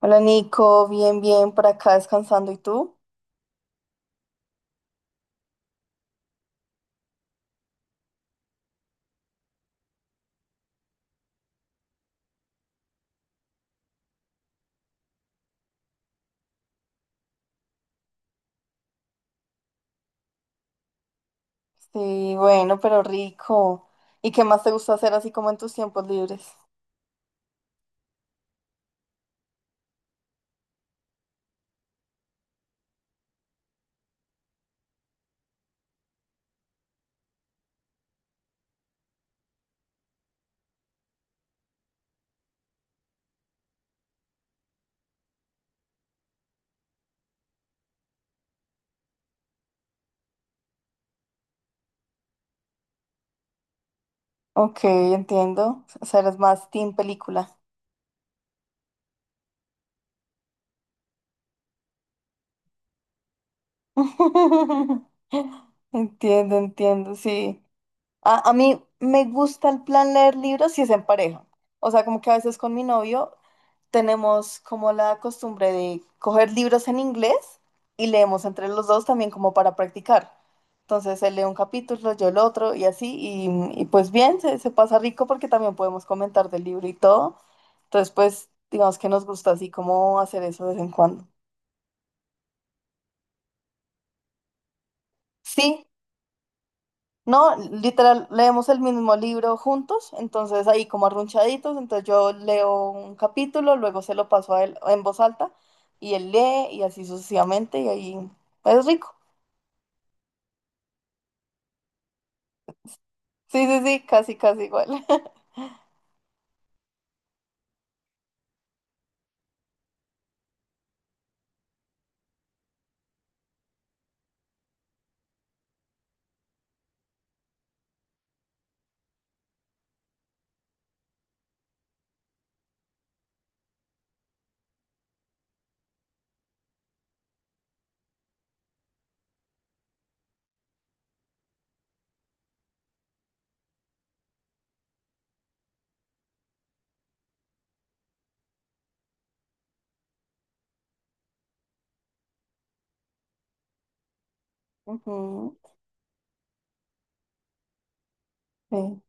Hola Nico, bien, bien, por acá descansando. ¿Y tú? Sí, bueno, pero rico. ¿Y qué más te gusta hacer así como en tus tiempos libres? Ok, entiendo. O sea, eres más team película. Entiendo, entiendo, sí. A mí me gusta el plan leer libros si es en pareja. O sea, como que a veces con mi novio tenemos como la costumbre de coger libros en inglés y leemos entre los dos también como para practicar. Entonces él lee un capítulo, yo el otro y así. Y pues bien, se pasa rico porque también podemos comentar del libro y todo. Entonces pues digamos que nos gusta así como hacer eso de vez en cuando. Sí, no, literal, leemos el mismo libro juntos, entonces ahí como arrunchaditos, entonces yo leo un capítulo, luego se lo paso a él en voz alta y él lee y así sucesivamente y ahí es rico. Sí, sí, sí, casi, casi igual. Ujú, sí.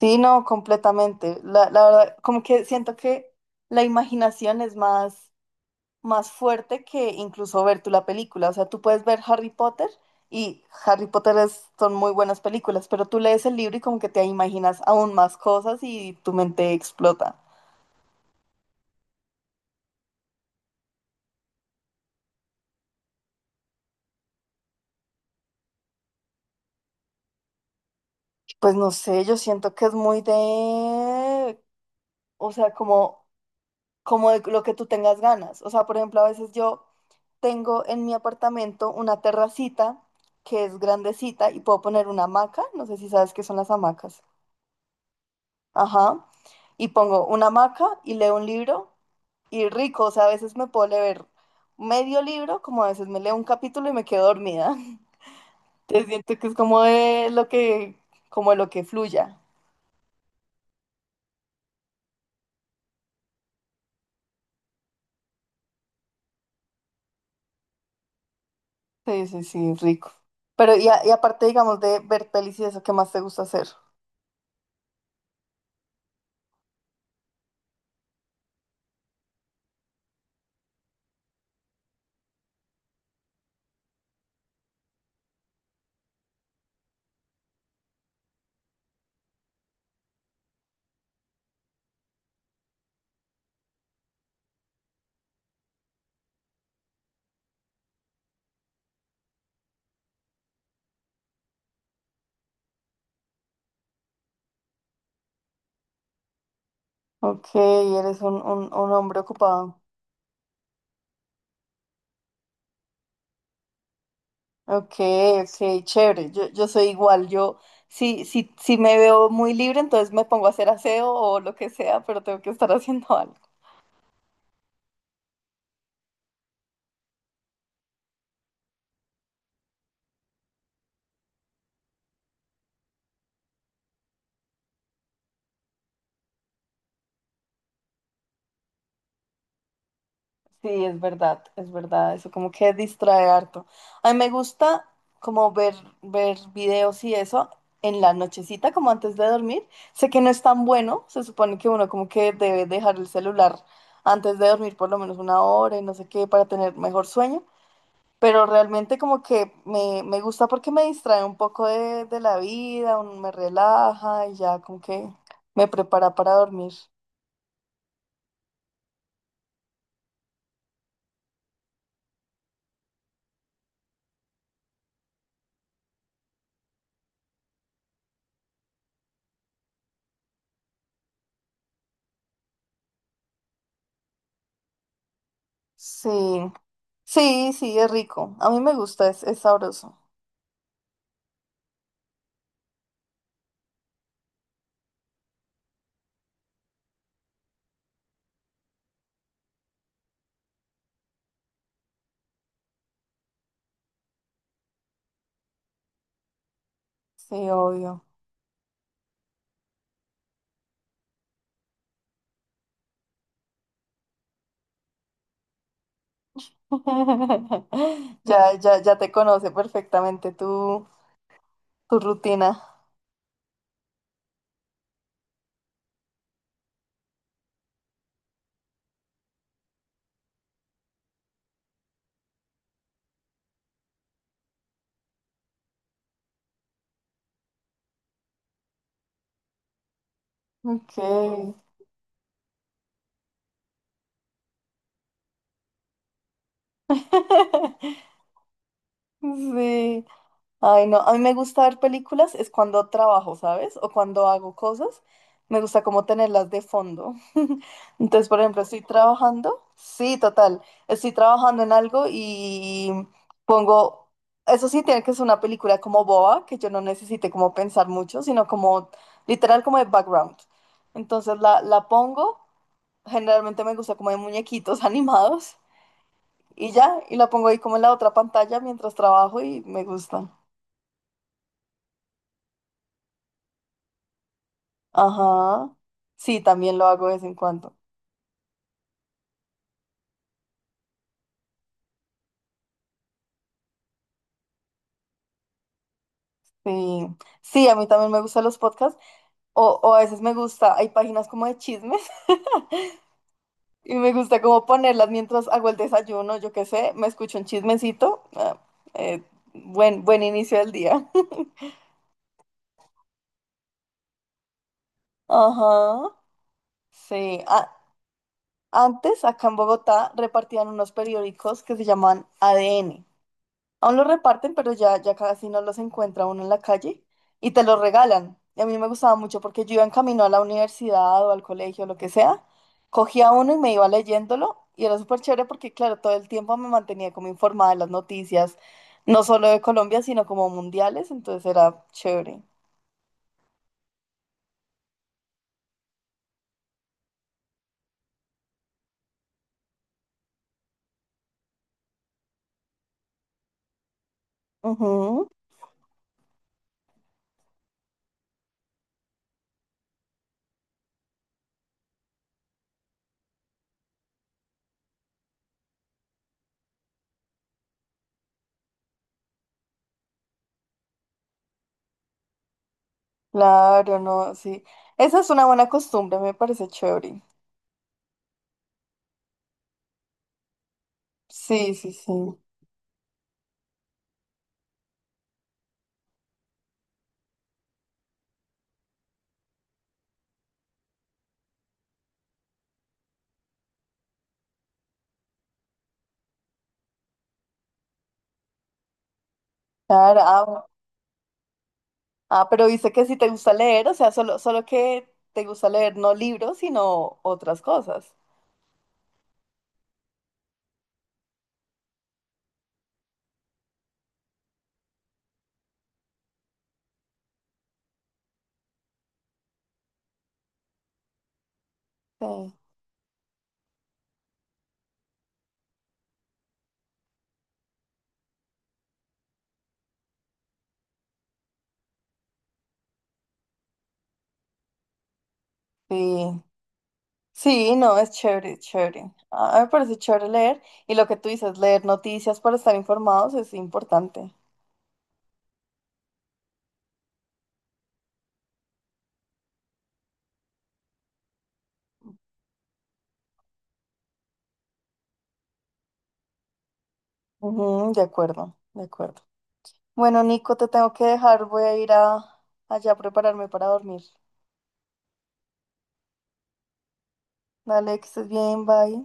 Sí, no, completamente. La verdad, como que siento que la imaginación es más más fuerte que incluso ver tú la película. O sea, tú puedes ver Harry Potter y son muy buenas películas, pero tú lees el libro y como que te imaginas aún más cosas y tu mente explota. Pues no sé, yo siento que es muy de, o sea, como, como de lo que tú tengas ganas. O sea, por ejemplo, a veces yo tengo en mi apartamento una terracita que es grandecita y puedo poner una hamaca. No sé si sabes qué son las hamacas. Ajá. Y pongo una hamaca y leo un libro y rico. O sea, a veces me puedo leer medio libro, como a veces me leo un capítulo y me quedo dormida. Te siento que es como de lo que, como lo que fluya. Sí, sí, sí, rico. Pero y, y aparte, digamos, de ver pelis y eso, ¿qué más te gusta hacer? Ok, eres un hombre ocupado. Ok, ok, chévere. Yo soy igual. Yo, si, si, si me veo muy libre, entonces me pongo a hacer aseo o lo que sea, pero tengo que estar haciendo algo. Sí, es verdad, eso como que distrae harto. A mí me gusta como ver, ver videos y eso en la nochecita, como antes de dormir. Sé que no es tan bueno, se supone que uno como que debe dejar el celular antes de dormir por lo menos una hora y no sé qué para tener mejor sueño, pero realmente como que me gusta porque me distrae un poco de la vida, me relaja y ya como que me prepara para dormir. Sí. Sí, sí, es rico. A mí me gusta, es sabroso. Sí, obvio. Ya, ya, ya te conoce perfectamente tu, tu rutina. Ok. Sí. Ay, no, a mí me gusta ver películas, es cuando trabajo, ¿sabes? O cuando hago cosas, me gusta como tenerlas de fondo. Entonces, por ejemplo, estoy trabajando, sí, total, estoy trabajando en algo y pongo, eso sí, tiene que ser una película como boba, que yo no necesite como pensar mucho, sino como literal como de background. Entonces la pongo, generalmente me gusta como de muñequitos animados y ya, y la pongo ahí como en la otra pantalla mientras trabajo y me gusta. Ajá. Sí, también lo hago de vez en cuando. Sí. Sí, a mí también me gustan los podcasts. O a veces me gusta, hay páginas como de chismes y me gusta como ponerlas mientras hago el desayuno, yo qué sé, me escucho un chismecito. Eh, buen, buen inicio del día. Ajá. Sí. Antes, acá en Bogotá, repartían unos periódicos que se llamaban ADN. Aún los reparten, pero ya, ya casi no los encuentra uno en la calle y te los regalan. Y a mí me gustaba mucho porque yo iba en camino a la universidad o al colegio, lo que sea, cogía uno y me iba leyéndolo y era súper chévere porque, claro, todo el tiempo me mantenía como informada de las noticias, no solo de Colombia, sino como mundiales, entonces era chévere. Ujú, claro, no, sí. Esa es una buena costumbre, me parece chévere. Sí, sí, sí. Claro, ah, ah, pero dice que si te gusta leer, o sea, solo, solo que te gusta leer no libros, sino otras cosas. Sí, sí, sí, no, es chévere, es chévere. A mí me parece chévere leer y lo que tú dices, leer noticias para estar informados es importante. Ujú, de acuerdo, de acuerdo. Bueno, Nico, te tengo que dejar, voy a ir a allá a prepararme para dormir. Dale, que estés bien, bye.